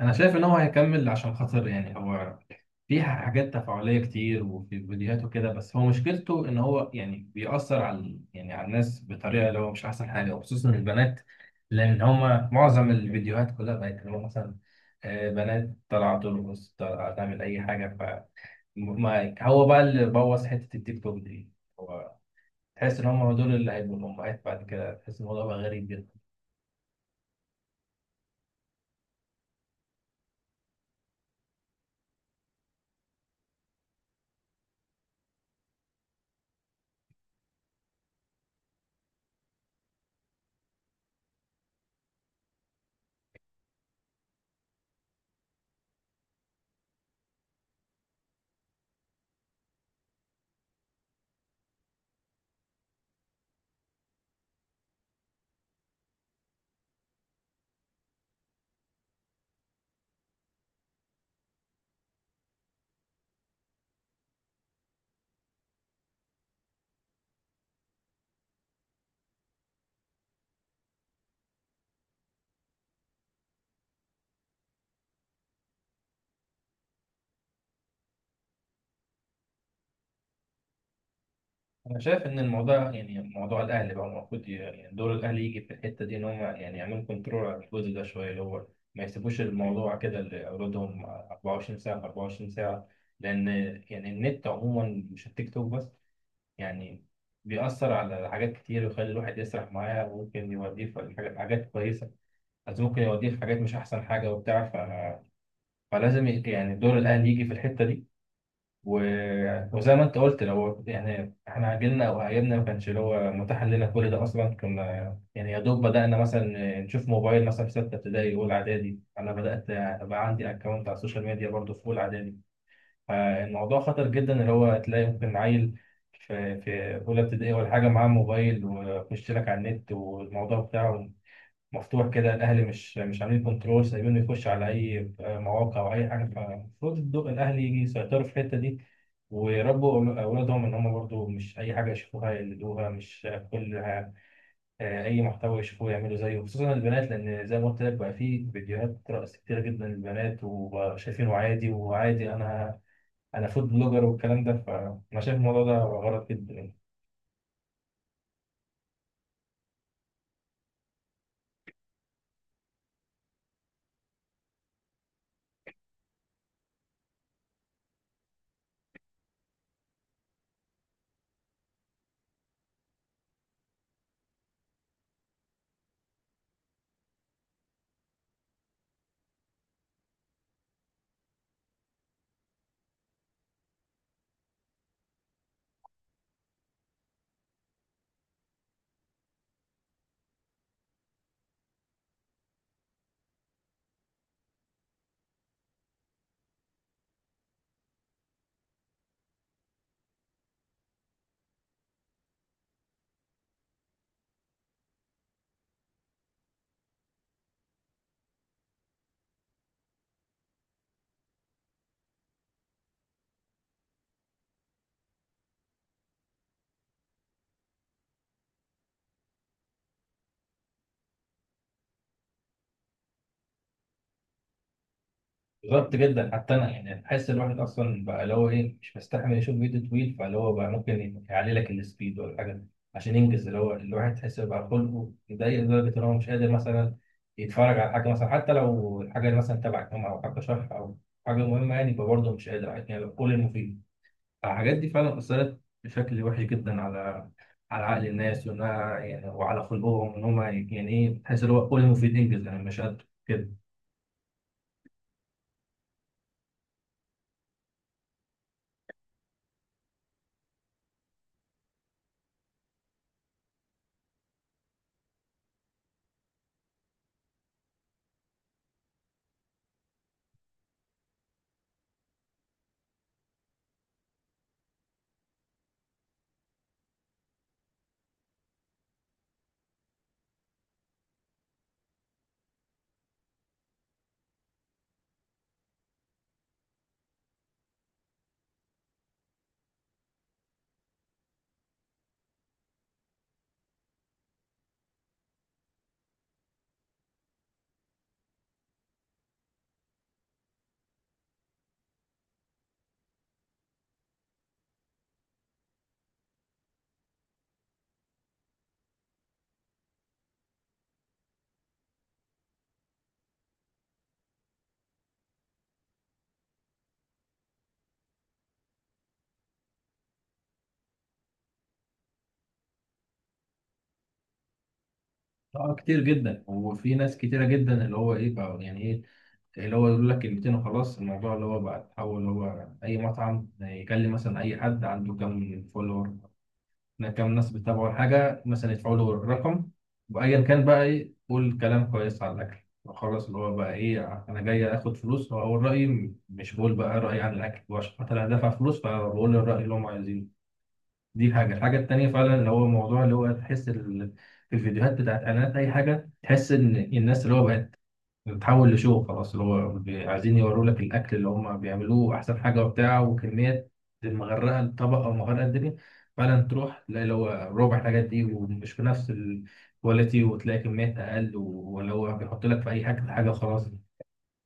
انا شايف ان هو هيكمل عشان خاطر يعني هو في حاجات تفاعليه كتير وفي فيديوهات وكده، بس هو مشكلته ان هو يعني بيأثر على يعني على الناس بطريقه اللي هو مش احسن حاجه وخصوصا البنات. لان هما معظم الفيديوهات كلها بقت اللي هو مثلا بنات طالعه ترقص، طالعه تعمل اي حاجه، ف هو بقى اللي بوظ حته التيك توك دي. هو تحس ان هما دول اللي هيبقوا الامهات بعد كده، تحس الموضوع بقى غريب جدا. أنا شايف إن الموضوع يعني موضوع الأهلي بقى المفروض يعني دور الأهلي يجي في الحتة دي، إن هم يعني يعملوا كنترول على الجزء ده شوية، اللي هو ما يسيبوش الموضوع كده لأولادهم 24 ساعة في 24 ساعة. لأن يعني النت عموما، مش التيك توك بس، يعني بيأثر على حاجات كتير، ويخلي الواحد يسرح معاه، وممكن يوديه في حاجات كويسة، بس ممكن يوديه في حاجات مش أحسن حاجة وبتاع فلازم يعني دور الأهلي يجي في الحتة دي. وزي ما انت قلت، لو يعني احنا عجلنا او عجلنا ما كانش اللي هو متاح لنا كل ده اصلا، كنا يعني يا دوب بدانا مثلا نشوف موبايل مثلا في سته ابتدائي اولى اعدادي. انا بدات ابقى عندي اكونت على السوشيال ميديا برضه في اولى اعدادي. فالموضوع خطر جدا، اللي هو تلاقي ممكن عيل في اولى ابتدائي ولا حاجه معاه موبايل ويخش لك على النت، والموضوع بتاعه مفتوح كده. الاهلي مش عاملين كنترول، سايبينه يخش على اي مواقع او اي حاجه. فالمفروض الاهلي يجي يسيطروا في الحته دي، ويربوا اولادهم ان هم برضو مش اي حاجه يشوفوها يقلدوها، مش كل اي محتوى يشوفوه يعملوا زيه، خصوصا البنات، لان زي ما قلت لك بقى في فيديوهات رقص كتير جدا للبنات وشايفينه عادي وعادي. انا فود بلوجر والكلام ده، فانا شايف الموضوع ده غلط جدا، غلط جدا. حتى انا يعني بحس الواحد اصلا بقى اللي هو ايه مش مستحمل يشوف فيديو طويل، فاللي هو بقى ممكن يعلي لك السبيد ولا حاجه عشان ينجز. اللي هو الواحد تحس بقى خلقه يضايق لدرجه ان هو مش قادر مثلا يتفرج على حاجه، مثلا حتى لو الحاجه اللي مثلا تبع الجامعه، او حاجه شرح، او حاجه مهمه، يعني يبقى برضه مش قادر، يعني لو كل المفيد. الحاجات دي فعلا اثرت بشكل وحش جدا على على عقل الناس وانها يعني وعلى خلقهم، ان هم يعني ايه، تحس اللي هو كل المفيد ينجز يعني مش قادر كده. اه كتير جدا، وفي ناس كتيرة جدا اللي هو ايه بقى يعني ايه، اللي هو يقول لك كلمتين وخلاص. الموضوع اللي هو بقى اتحول، اللي هو اي مطعم يكلم مثلا اي حد عنده كام فولور، كام ناس بتتابعه، الحاجة مثلا يدفعوا له الرقم وايا كان بقى، ايه، قول كلام كويس على الاكل وخلاص. اللي هو بقى ايه، انا جاي اخد فلوس واقول رأيي، مش بقول بقى رأيي عن الاكل، وعشان خاطر انا دافع فلوس فبقول الرأي اللي هم عايزينه. دي حاجة. الحاجة التانية فعلا اللي هو موضوع، اللي هو تحس في الفيديوهات بتاعت قناة أي حاجة، تحس إن الناس اللي هو بقت بتتحول لشو خلاص، اللي هو عايزين يوروا لك الأكل اللي هم بيعملوه أحسن حاجة وبتاع، وكمية مغرقة الطبق أو مغرقة الدنيا. فعلا تروح تلاقي اللي هو ربع الحاجات دي ومش بنفس الكواليتي، وتلاقي كميات أقل ولا هو بيحط لك في أي حاجة حاجة وخلاص.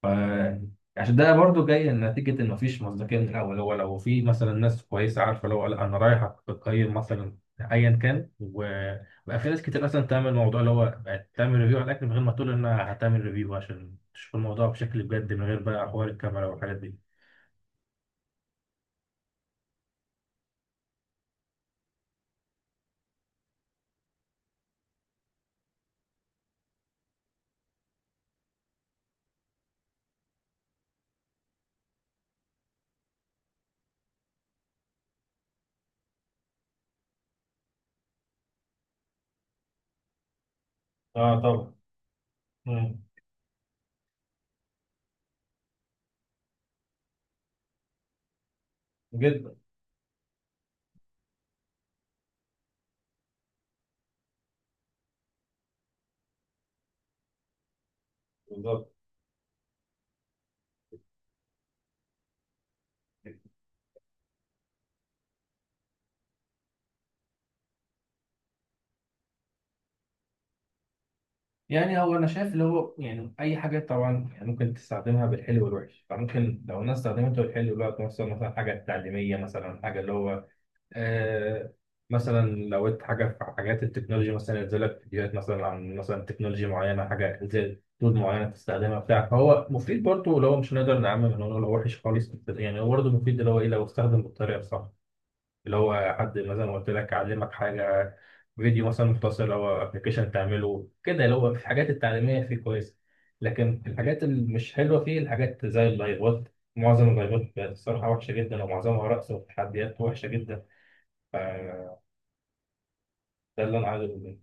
ف- عشان ده برضو جاي نتيجة إن مفيش مصداقية من الأول. هو لو في مثلا ناس كويسة عارفة، لو قال أنا رايح أقيم مثلا أيا كان. وبقى في ناس كتير أصلا تعمل الموضوع، اللي هو بقت تعمل ريفيو على الأكل من غير ما تقول إنها هتعمل ريفيو، عشان تشوف الموضوع بشكل بجد من غير بقى حوار الكاميرا والحاجات دي. اه طبعا. مم. جدا. بالظبط. يعني هو انا شايف اللي هو يعني اي حاجه طبعا يعني ممكن تستخدمها بالحلو والوحش، فممكن لو الناس استخدمته بالحلو الوقت مثلا، مثلا حاجه تعليميه، مثلا حاجه اللي هو آه مثلا لو انت حاجه في حاجات التكنولوجي، مثلا ينزل لك فيديوهات مثلا عن مثلا تكنولوجيا معينه، حاجه زي تول معينه تستخدمها بتاع، فهو مفيد برضه. اللي هو مش هنقدر نعمم ان هو لو وحش خالص، بس يعني هو برضه مفيد، اللي هو ايه لو استخدم بالطريقه الصح. اللي هو حد مثلا قلت لك علمك حاجه، فيديو مثلا مختصر او ابلكيشن تعمله كده، اللي هو في الحاجات التعليميه فيه كويس. لكن الحاجات اللي مش حلوه فيه الحاجات زي اللايفات. معظم اللايفات الصراحه وحشه جدا، ومعظمها رقص وتحديات وحشه جدا. ده اللي انا عايز اقوله يعني.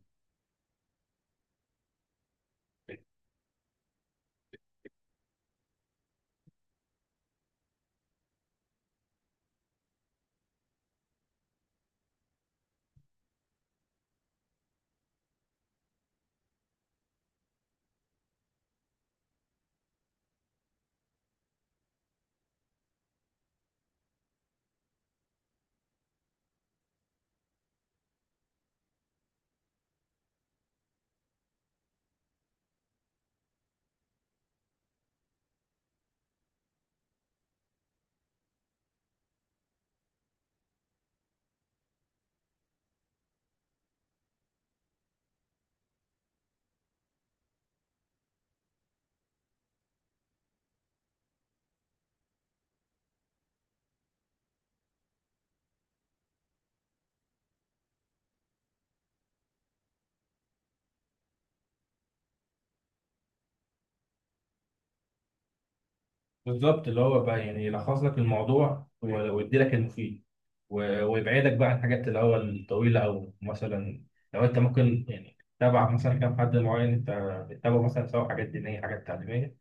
بالظبط اللي هو بقى يعني يلخص لك الموضوع ويدي لك المفيد ويبعدك بقى عن الحاجات اللي هو الطويله، او مثلا لو انت ممكن يعني تتابع مثلا كام حد معين، انت بتتابعه مثلا سواء حاجات دينيه حاجات تعليميه،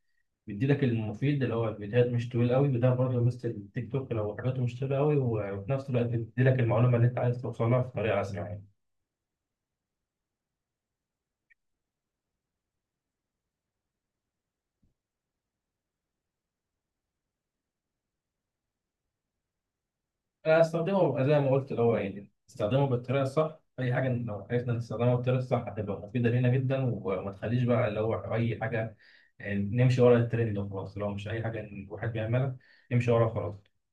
بيدي لك المفيد اللي هو الفيديوهات مش طويل قوي، وده برضه مثل التيك توك لو حاجاته مش طويله قوي، وفي نفس الوقت بيدي لك المعلومه اللي انت عايز توصلها بطريقه اسرع يعني. أنا أستخدمه زي ما قلت، اللي هو يعني استخدمه بالطريقة الصح، أي حاجة إن لو عرفنا نستخدمها بالطريقة الصح هتبقى مفيدة لينا جدا، وما تخليش بقى اللي هو أي حاجة يعني نمشي ورا الترند وخلاص، لو مش أي حاجة إن الواحد بيعملها نمشي ورا خلاص.